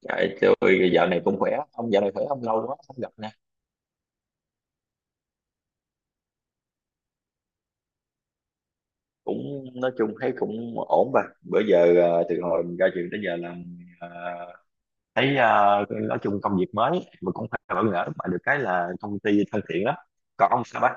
Dạ, tôi dạo này cũng khỏe, ông dạo này khỏe không, lâu quá không gặp nè, cũng nói chung thấy cũng ổn bà. Bữa giờ từ hồi mình ra trường tới giờ là ờ, thấy nói chung công việc mới mà cũng phải bỡ ngỡ, mà được cái là công ty thân thiện lắm. Còn ông sao bác?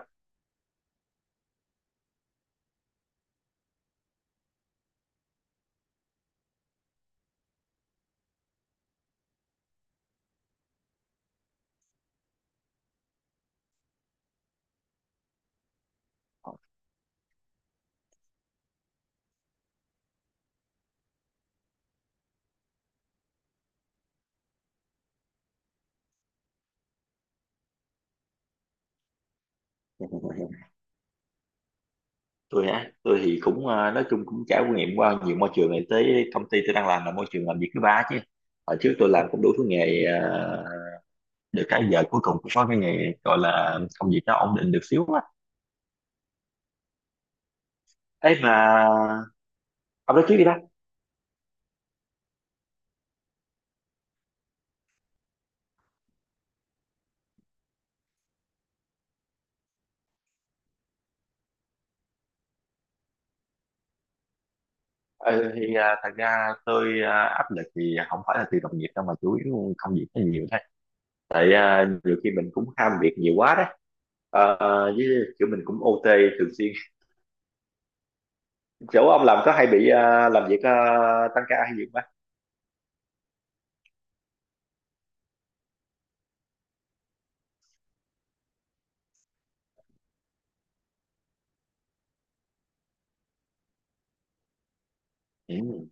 Tôi hả? Tôi thì cũng nói chung cũng trải nghiệm qua nhiều môi trường, này tới công ty tôi đang làm là môi trường làm việc thứ ba chứ. Hồi trước tôi làm cũng đủ thứ nghề, được cái giờ cuối cùng cũng có cái nghề gọi là công việc nó ổn định được xíu á. Ấy mà ông nói trước đi bác. Ừ, thì thật ra tôi, áp lực thì không phải là từ đồng nghiệp đâu, mà chủ yếu công việc nó nhiều thôi, tại nhiều khi mình cũng ham việc nhiều quá đấy. Ờ, với kiểu mình cũng OT thường xuyên, chỗ ông làm có hay bị làm việc, tăng ca hay gì không bác? Ừ.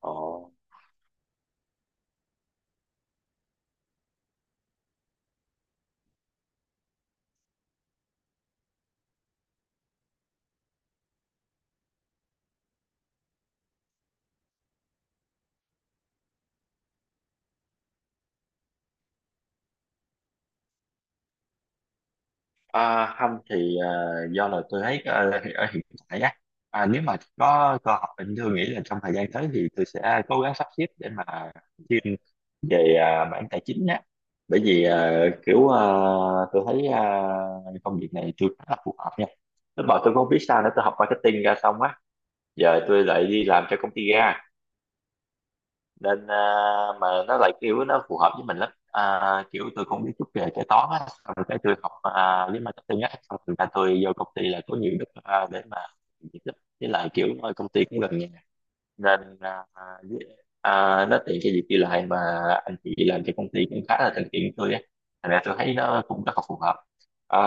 Ồ. À, không thì do là tôi thấy ở, ở hiện tại á, nếu mà có cơ hội thì tôi nghĩ là trong thời gian tới thì tôi sẽ cố gắng sắp xếp để mà chuyên về, mảng tài chính á. Bởi vì kiểu, tôi thấy, công việc này tôi khá là phù hợp nha. Lúc mà tôi không biết sao nữa, tôi học marketing ra xong á, giờ tôi lại đi làm cho công ty ga, nên mà nó lại kiểu nó phù hợp với mình lắm, kiểu tôi cũng biết chút về kế toán á, sau rồi cái tôi học, với marketing á, sau rồi ra tôi vô công ty là có nhiều đất, để mà việc lắm, với lại kiểu ở công ty cũng gần nhà nên với, nó tiện cho việc đi lại mà. Anh chị làm cho công ty cũng khá là thân thiện với tôi á, thành ra tôi thấy nó cũng rất là phù hợp. à,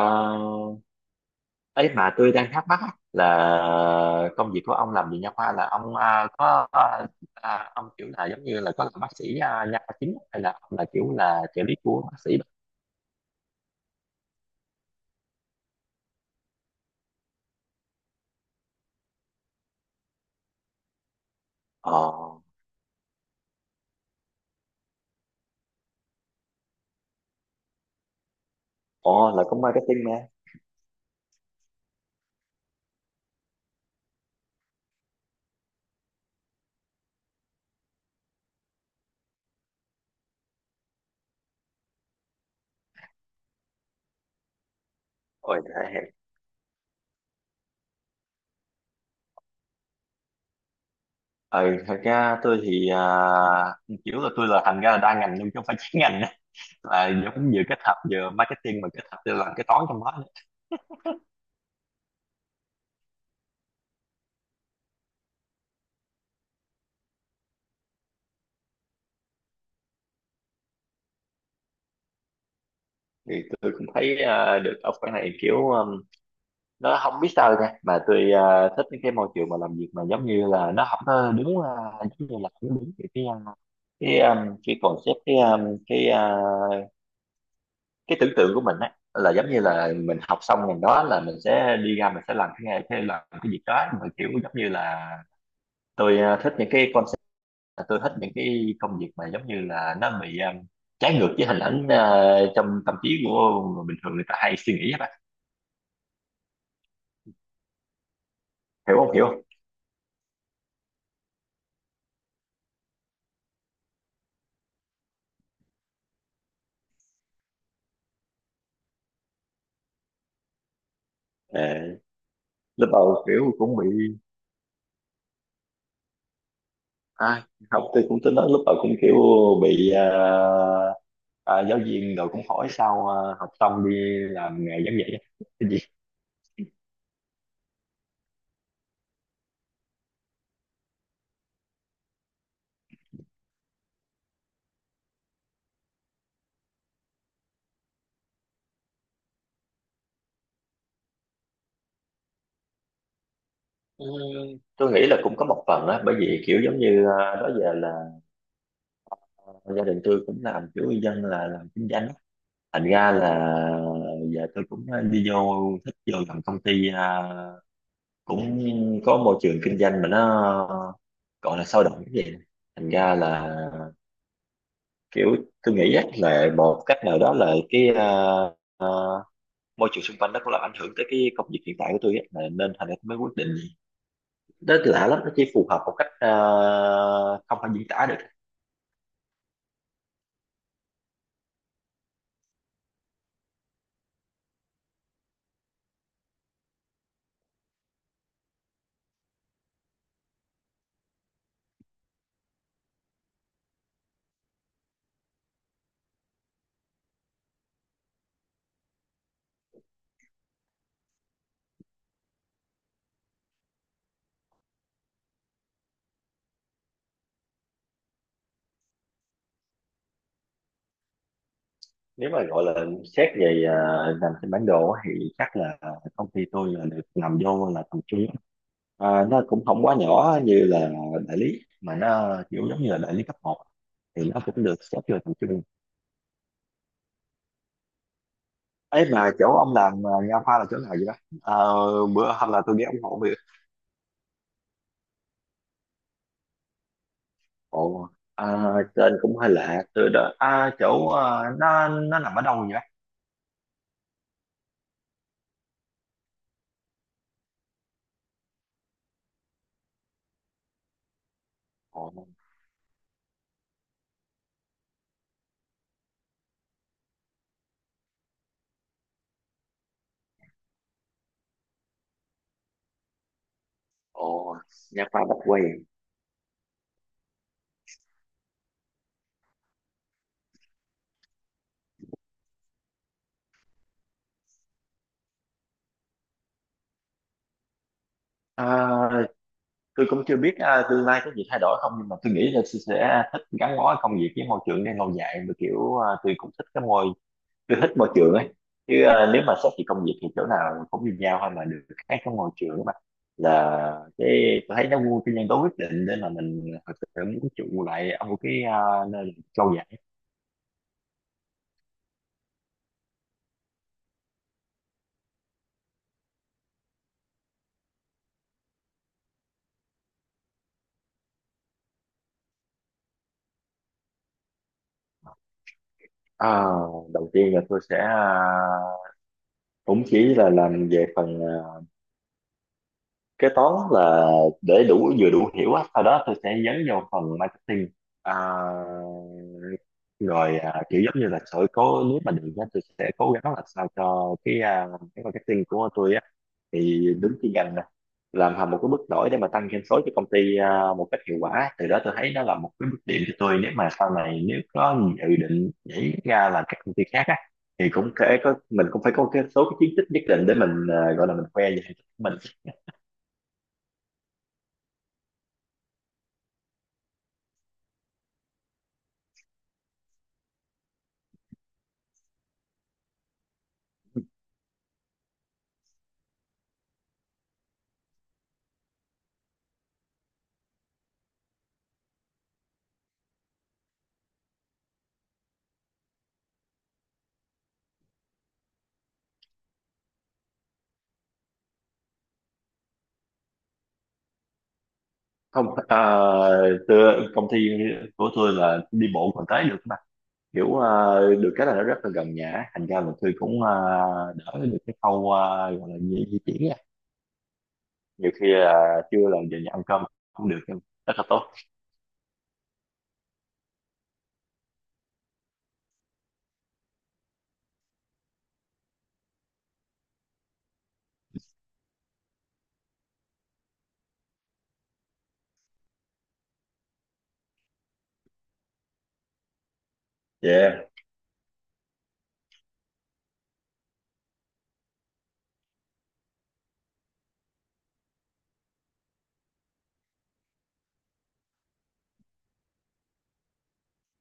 Ấy mà tôi đang thắc mắc á, là công việc của ông làm gì, nha khoa là ông có, ông kiểu là giống như là có làm bác sĩ, nha khoa chính, hay là ông là kiểu là trợ lý của bác sĩ? Ờ. Ồ, là cũng marketing mà. Ôi thế. Ừ, thật ra tôi thì kiểu là tôi là thành ra là đa ngành, nhưng chứ không phải chuyên ngành á. Là nó cũng vừa kết hợp vừa marketing, mà kết hợp tôi làm cái toán trong đó nữa. Thì tôi cũng thấy được ở cái này, kiểu nó không biết sao nha, mà tôi thích những cái môi trường mà làm việc mà giống như là nó không có đúng, giống như là không đúng cái cái, cái concept, cái, cái, cái tưởng tượng của mình á, là giống như là mình học xong ngành đó là mình sẽ đi ra mình sẽ làm cái làm cái việc đó, mà kiểu giống như là tôi thích những cái concept, là tôi thích những cái công việc mà giống như là nó bị, trái ngược với hình ảnh trong tâm trí của người bình thường người ta hay suy nghĩ á bạn, hiểu không, hiểu không? Ờ, lúc đầu kiểu cũng bị ai học thì cũng tính nói lúc đầu cũng kiểu bị giáo viên rồi cũng hỏi sao, học xong đi làm nghề giảng dạy cái gì. Ừ, tôi nghĩ là cũng có một phần á, bởi vì kiểu giống như đó giờ là gia đình tôi cũng làm kiểu dân là làm kinh doanh á. Thành ra là giờ tôi cũng đi vô thích vô làm công ty, cũng có môi trường kinh doanh mà nó gọi là sôi động cái gì, thành ra là kiểu tôi nghĩ chắc là một cách nào đó là cái, à, môi trường xung quanh nó cũng làm ảnh hưởng tới cái công việc hiện tại của tôi á, là nên thành ra tôi mới quyết định đó. Tôi lạ lắm, nó chỉ phù hợp một cách không thể diễn tả được. Nếu mà gọi là xét về, nằm trên bản đồ á, thì chắc là công ty tôi là được nằm vô là tầm trung. À, nó cũng không quá nhỏ như là đại lý, mà nó kiểu giống như là đại lý cấp một, thì nó cũng được xếp vô tầm trung. Ấy mà chỗ ông làm, nha khoa là chỗ nào vậy đó? Ờ, bữa hôm là tôi đi ông hộ việc. Ồ, tên cũng hơi lạ từ đó, chỗ, nó nằm ở đâu vậy? Ồ. Ồ, nha khoa Bách Quang. À, tôi cũng chưa biết tương lai có gì thay đổi không, nhưng mà tôi nghĩ là tôi sẽ thích gắn bó công việc với môi trường này lâu dài, mà kiểu tôi cũng thích cái môi, tôi thích môi trường ấy. Chứ nếu mà xét về công việc thì chỗ nào cũng như nhau thôi, mà được khác cái môi trường mà, là cái tôi thấy nó vô cái nhân tố quyết định để mà mình thực sự muốn trụ lại ở một cái nơi mình trau dồi. Ờ, đầu tiên là tôi sẽ cũng chỉ là làm về phần kế toán, là để đủ vừa đủ hiểu á, sau đó tôi sẽ dấn vào phần marketing. Ờ, rồi kiểu giống như là sẽ cố, nếu mà được á, tôi sẽ cố gắng là sao cho cái, cái marketing của tôi á, thì đứng chuyên ngành nè, làm hầm một cái bước nổi để mà tăng doanh số cho công ty, một cách hiệu quả, từ đó tôi thấy nó là một cái bước điểm cho tôi, nếu mà sau này nếu có dự định nhảy ra làm các công ty khác á, thì cũng thể có mình cũng phải có cái số cái chiến tích nhất định để mình, gọi là mình khoe về thành tích của mình. Không, tôi, công ty của tôi là đi bộ còn tới được mà, kiểu được cái là nó rất là gần nhà, thành ra là tôi cũng đỡ được cái khâu, gọi là di di chuyển. Nhiều khi là trưa là giờ nhà ăn cơm cũng được, nhưng rất là tốt. Yeah.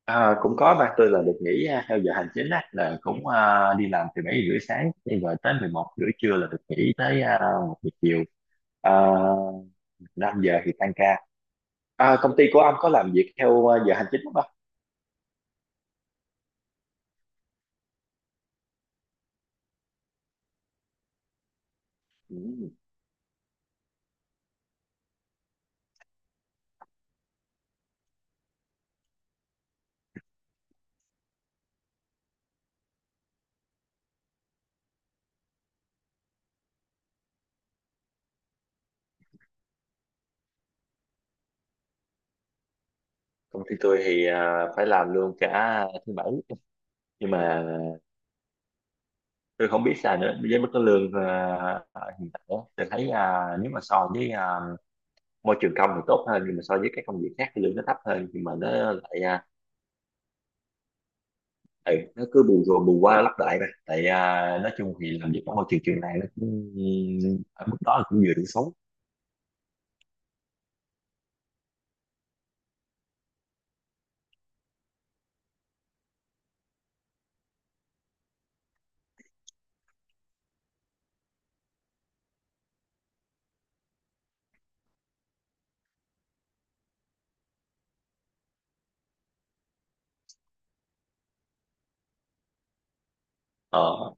À, cũng có ba, tôi là được nghỉ theo giờ hành chính á, là cũng đi làm từ bảy rưỡi sáng đi, rồi tới 11 rưỡi trưa là được nghỉ tới một giờ chiều, à, 5 giờ thì tan ca. À, công ty của ông có làm việc theo giờ hành chính không ạ? Ừ. Công ty tôi thì phải làm luôn cả thứ bảy, nhưng mà tôi không biết sao nữa. Với mức cái lương hiện tại á, tôi thấy nếu mà so với môi trường công thì tốt hơn, nhưng mà so với các công việc khác thì lương nó thấp hơn, nhưng mà nó lại, ừ, nó cứ bù rồi bù qua lấp lại mà, tại nói chung thì làm việc ở môi trường trường này nó cũng ở mức đó là cũng vừa đủ sống. Ờ,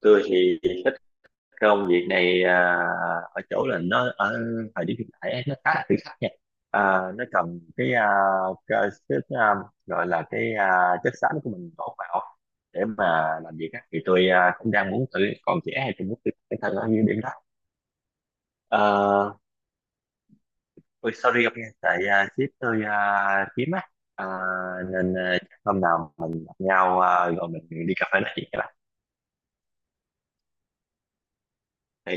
tôi thì thích công việc này ở chỗ là nó ở thời điểm hiện tại nó khá là thử thách nha. à, nó cần cái, cái gọi là cái, chất xám của mình đổ vào để mà làm việc á, thì tôi cũng đang muốn tự còn trẻ hay tôi muốn tự bản thân ở những điểm đó. Ờ. Ôi sorry ông nha, tại sếp tôi kiếm á. À, nên chắc hôm nào mình gặp nhau, rồi mình đi cà phê nói chuyện các bạn. Thì